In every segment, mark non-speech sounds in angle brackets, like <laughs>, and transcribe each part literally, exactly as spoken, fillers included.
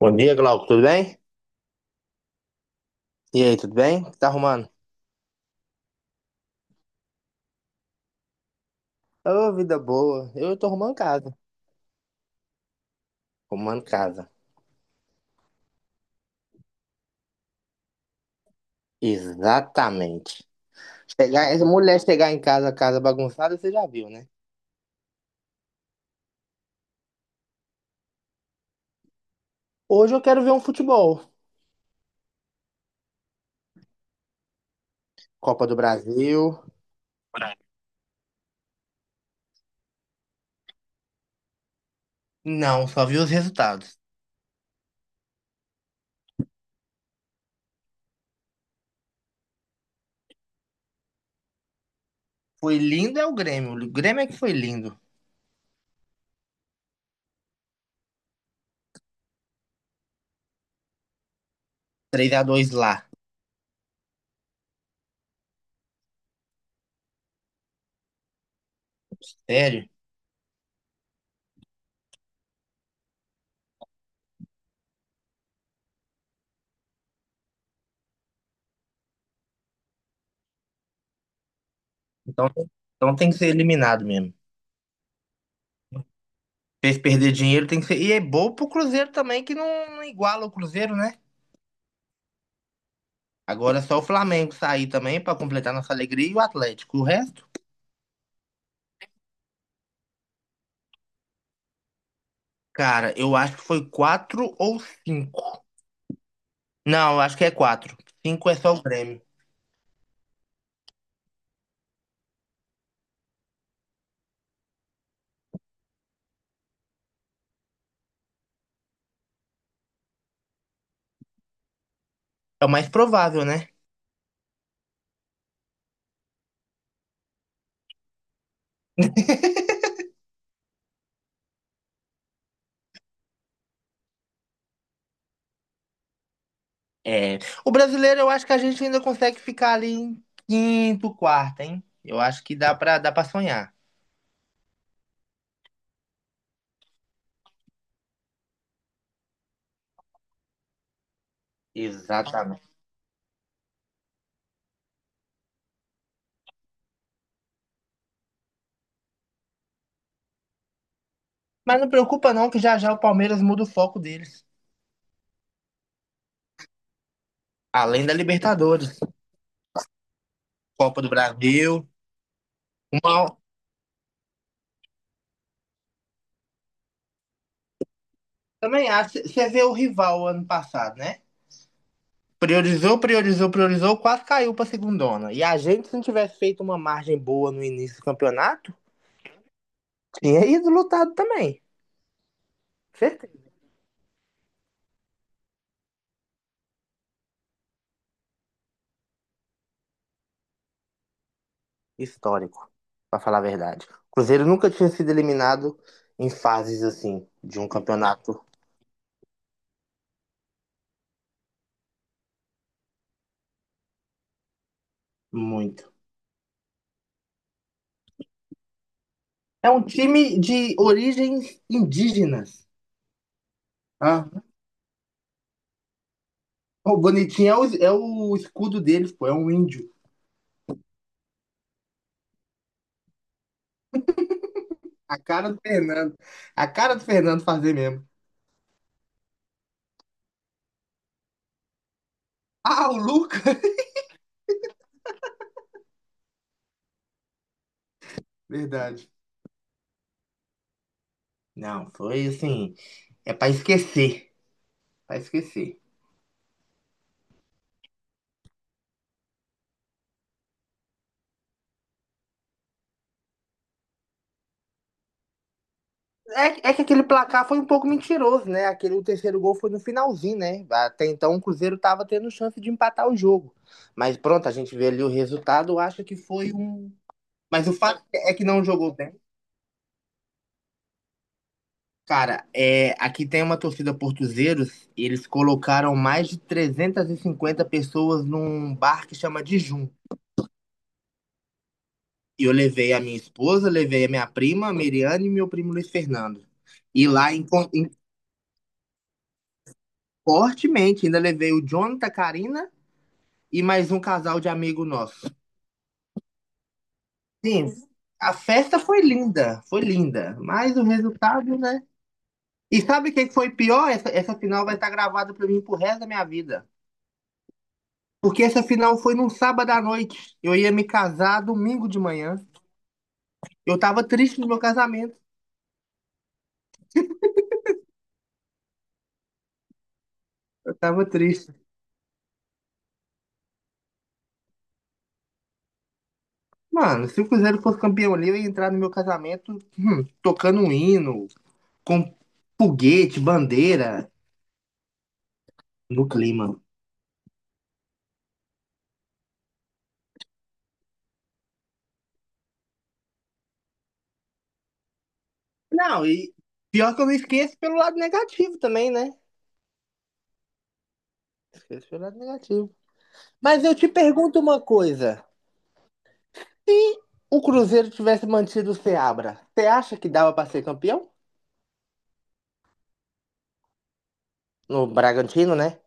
Bom dia, Glauco, tudo bem? E aí, tudo bem? O que tá arrumando? Ô, vida boa. Eu tô arrumando casa. Arrumando casa. Exatamente. Chegar, essa mulher chegar em casa, casa bagunçada, você já viu, né? Hoje eu quero ver um futebol. Copa do Brasil. Não, só vi os resultados. Foi lindo é o Grêmio. O Grêmio é que foi lindo. Três a dois lá. Sério? Então, então tem que ser eliminado mesmo. Fez perder dinheiro, tem que ser. E é bom pro Cruzeiro também, que não, não iguala o Cruzeiro, né? Agora é só o Flamengo sair também pra completar nossa alegria e o Atlético. O resto, cara, eu acho que foi quatro ou cinco. Não, eu acho que é quatro. Cinco é só o Grêmio. É o mais provável, né? É. O brasileiro, eu acho que a gente ainda consegue ficar ali em quinto, quarto, hein? Eu acho que dá pra, dá pra sonhar. Exatamente. Mas não preocupa não, que já já o Palmeiras muda o foco deles. Além da Libertadores, Copa do Brasil. Uma... Também acho. Você vê o rival ano passado, né? Priorizou, priorizou, priorizou, quase caiu pra segundona. E a gente, se não tivesse feito uma margem boa no início do campeonato, tinha ido lutado também. Certeza. Histórico, pra falar a verdade. O Cruzeiro nunca tinha sido eliminado em fases assim, de um campeonato muito. É um time de origens indígenas. Ah, o bonitinho é o, é o escudo deles, pô, é um índio. A cara do Fernando. A cara do Fernando fazer mesmo. Ah, o Lucas! <laughs> Verdade. Não, foi assim. É pra esquecer. Pra esquecer. É, é que aquele placar foi um pouco mentiroso, né? Aquele, o terceiro gol foi no finalzinho, né? Até então o Cruzeiro tava tendo chance de empatar o jogo. Mas pronto, a gente vê ali o resultado, acha que foi um. Mas o fato é que não jogou bem. Cara, é, aqui tem uma torcida portuzeiros, e eles colocaram mais de trezentas e cinquenta pessoas num bar que chama Dijum. E eu levei a minha esposa, levei a minha prima, a Miriane e meu primo Luiz Fernando. E lá encon- Fortemente, ainda levei o Jonathan, Karina e mais um casal de amigo nosso. Sim, a festa foi linda, foi linda, mas o resultado, né? E sabe o que foi pior? Essa, essa final vai estar gravada para mim pro resto da minha vida. Porque essa final foi num sábado à noite. Eu ia me casar domingo de manhã. Eu tava triste no meu casamento. Eu tava triste. Mano, se o Cruzeiro fosse campeão ali, eu ia entrar no meu casamento tocando um hino, com foguete, bandeira, no clima. Não, e pior que eu me esqueço pelo lado negativo também, né? Esqueço pelo lado negativo. Mas eu te pergunto uma coisa. Se o Cruzeiro tivesse mantido o Seabra, você acha que dava pra ser campeão? No Bragantino, né?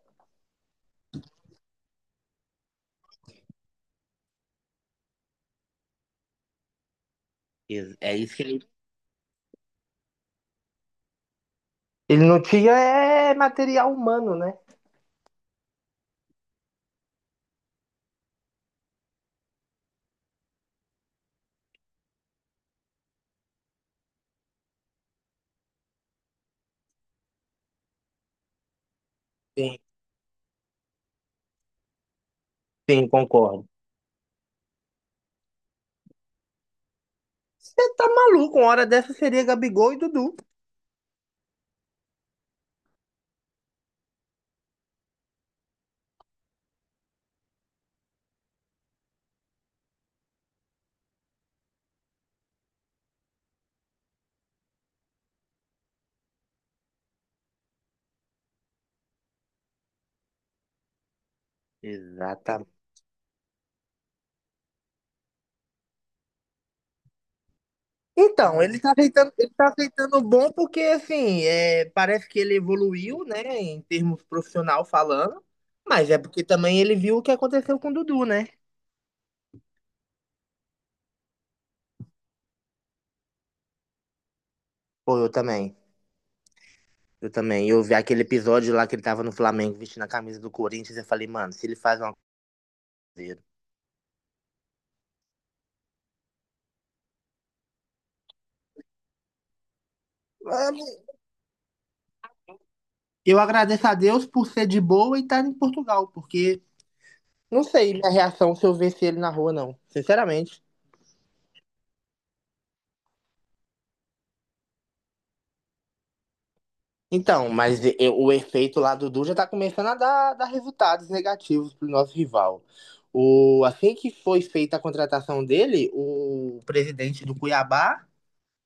Ex- É isso que ele... Ele não tinha é, material humano, né? Sim, sim, concordo. Você tá maluco, uma hora dessa seria Gabigol e Dudu. Exatamente. Então, ele tá aceitando, ele tá aceitando bom porque, assim, é, parece que ele evoluiu, né, em termos profissional falando, mas é porque também ele viu o que aconteceu com o Dudu, né? Pô, eu também. Eu também. Eu vi aquele episódio lá que ele tava no Flamengo vestindo a camisa do Corinthians e eu falei, mano, se ele faz uma coisa. Eu agradeço a Deus por ser de boa e estar em Portugal, porque não sei minha reação se eu visse ele na rua, não. Sinceramente. Então, mas e- o efeito lá do Du já tá começando a dar, dar resultados negativos pro nosso rival. O, assim que foi feita a contratação dele, o presidente do Cuiabá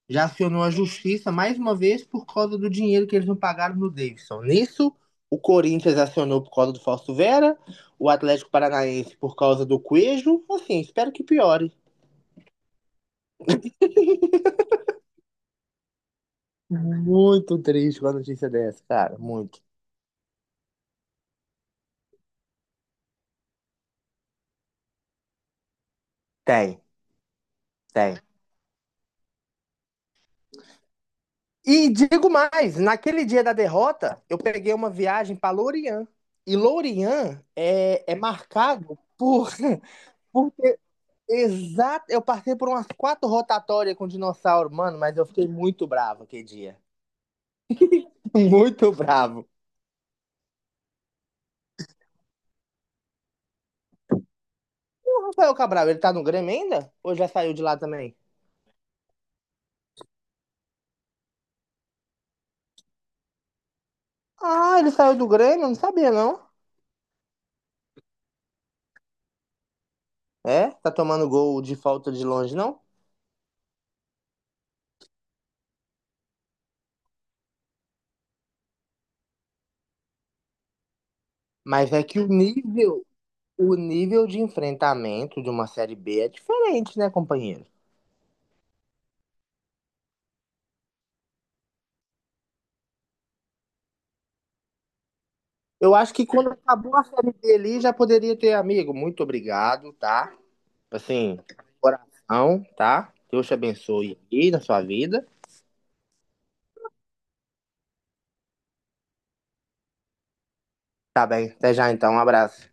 já acionou a justiça mais uma vez por causa do dinheiro que eles não pagaram no Davidson. Nisso, o Corinthians acionou por causa do Fausto Vera, o Atlético Paranaense por causa do Cuejo. Assim, espero que piore. Muito triste com a notícia dessa, cara. Muito. Tem, tem. E digo mais, naquele dia da derrota, eu peguei uma viagem para Lorient. E Lorient é, é marcado por, <laughs> por ter- Exato, eu passei por umas quatro rotatórias com dinossauro, mano, mas eu fiquei muito bravo aquele dia. <laughs> Muito bravo. O Rafael Cabral, ele tá no Grêmio ainda? Ou já saiu de lá também? Ah, ele saiu do Grêmio? Eu não sabia, não. É? Tá tomando gol de falta de longe, não? Mas é que o nível, o nível de enfrentamento de uma série B é diferente, né, companheiro? Eu acho que quando acabou a série B ali, já poderia ter, amigo, muito obrigado, tá? Assim, coração, tá? Deus te abençoe aí na sua vida. Tá bem, até já então, um abraço.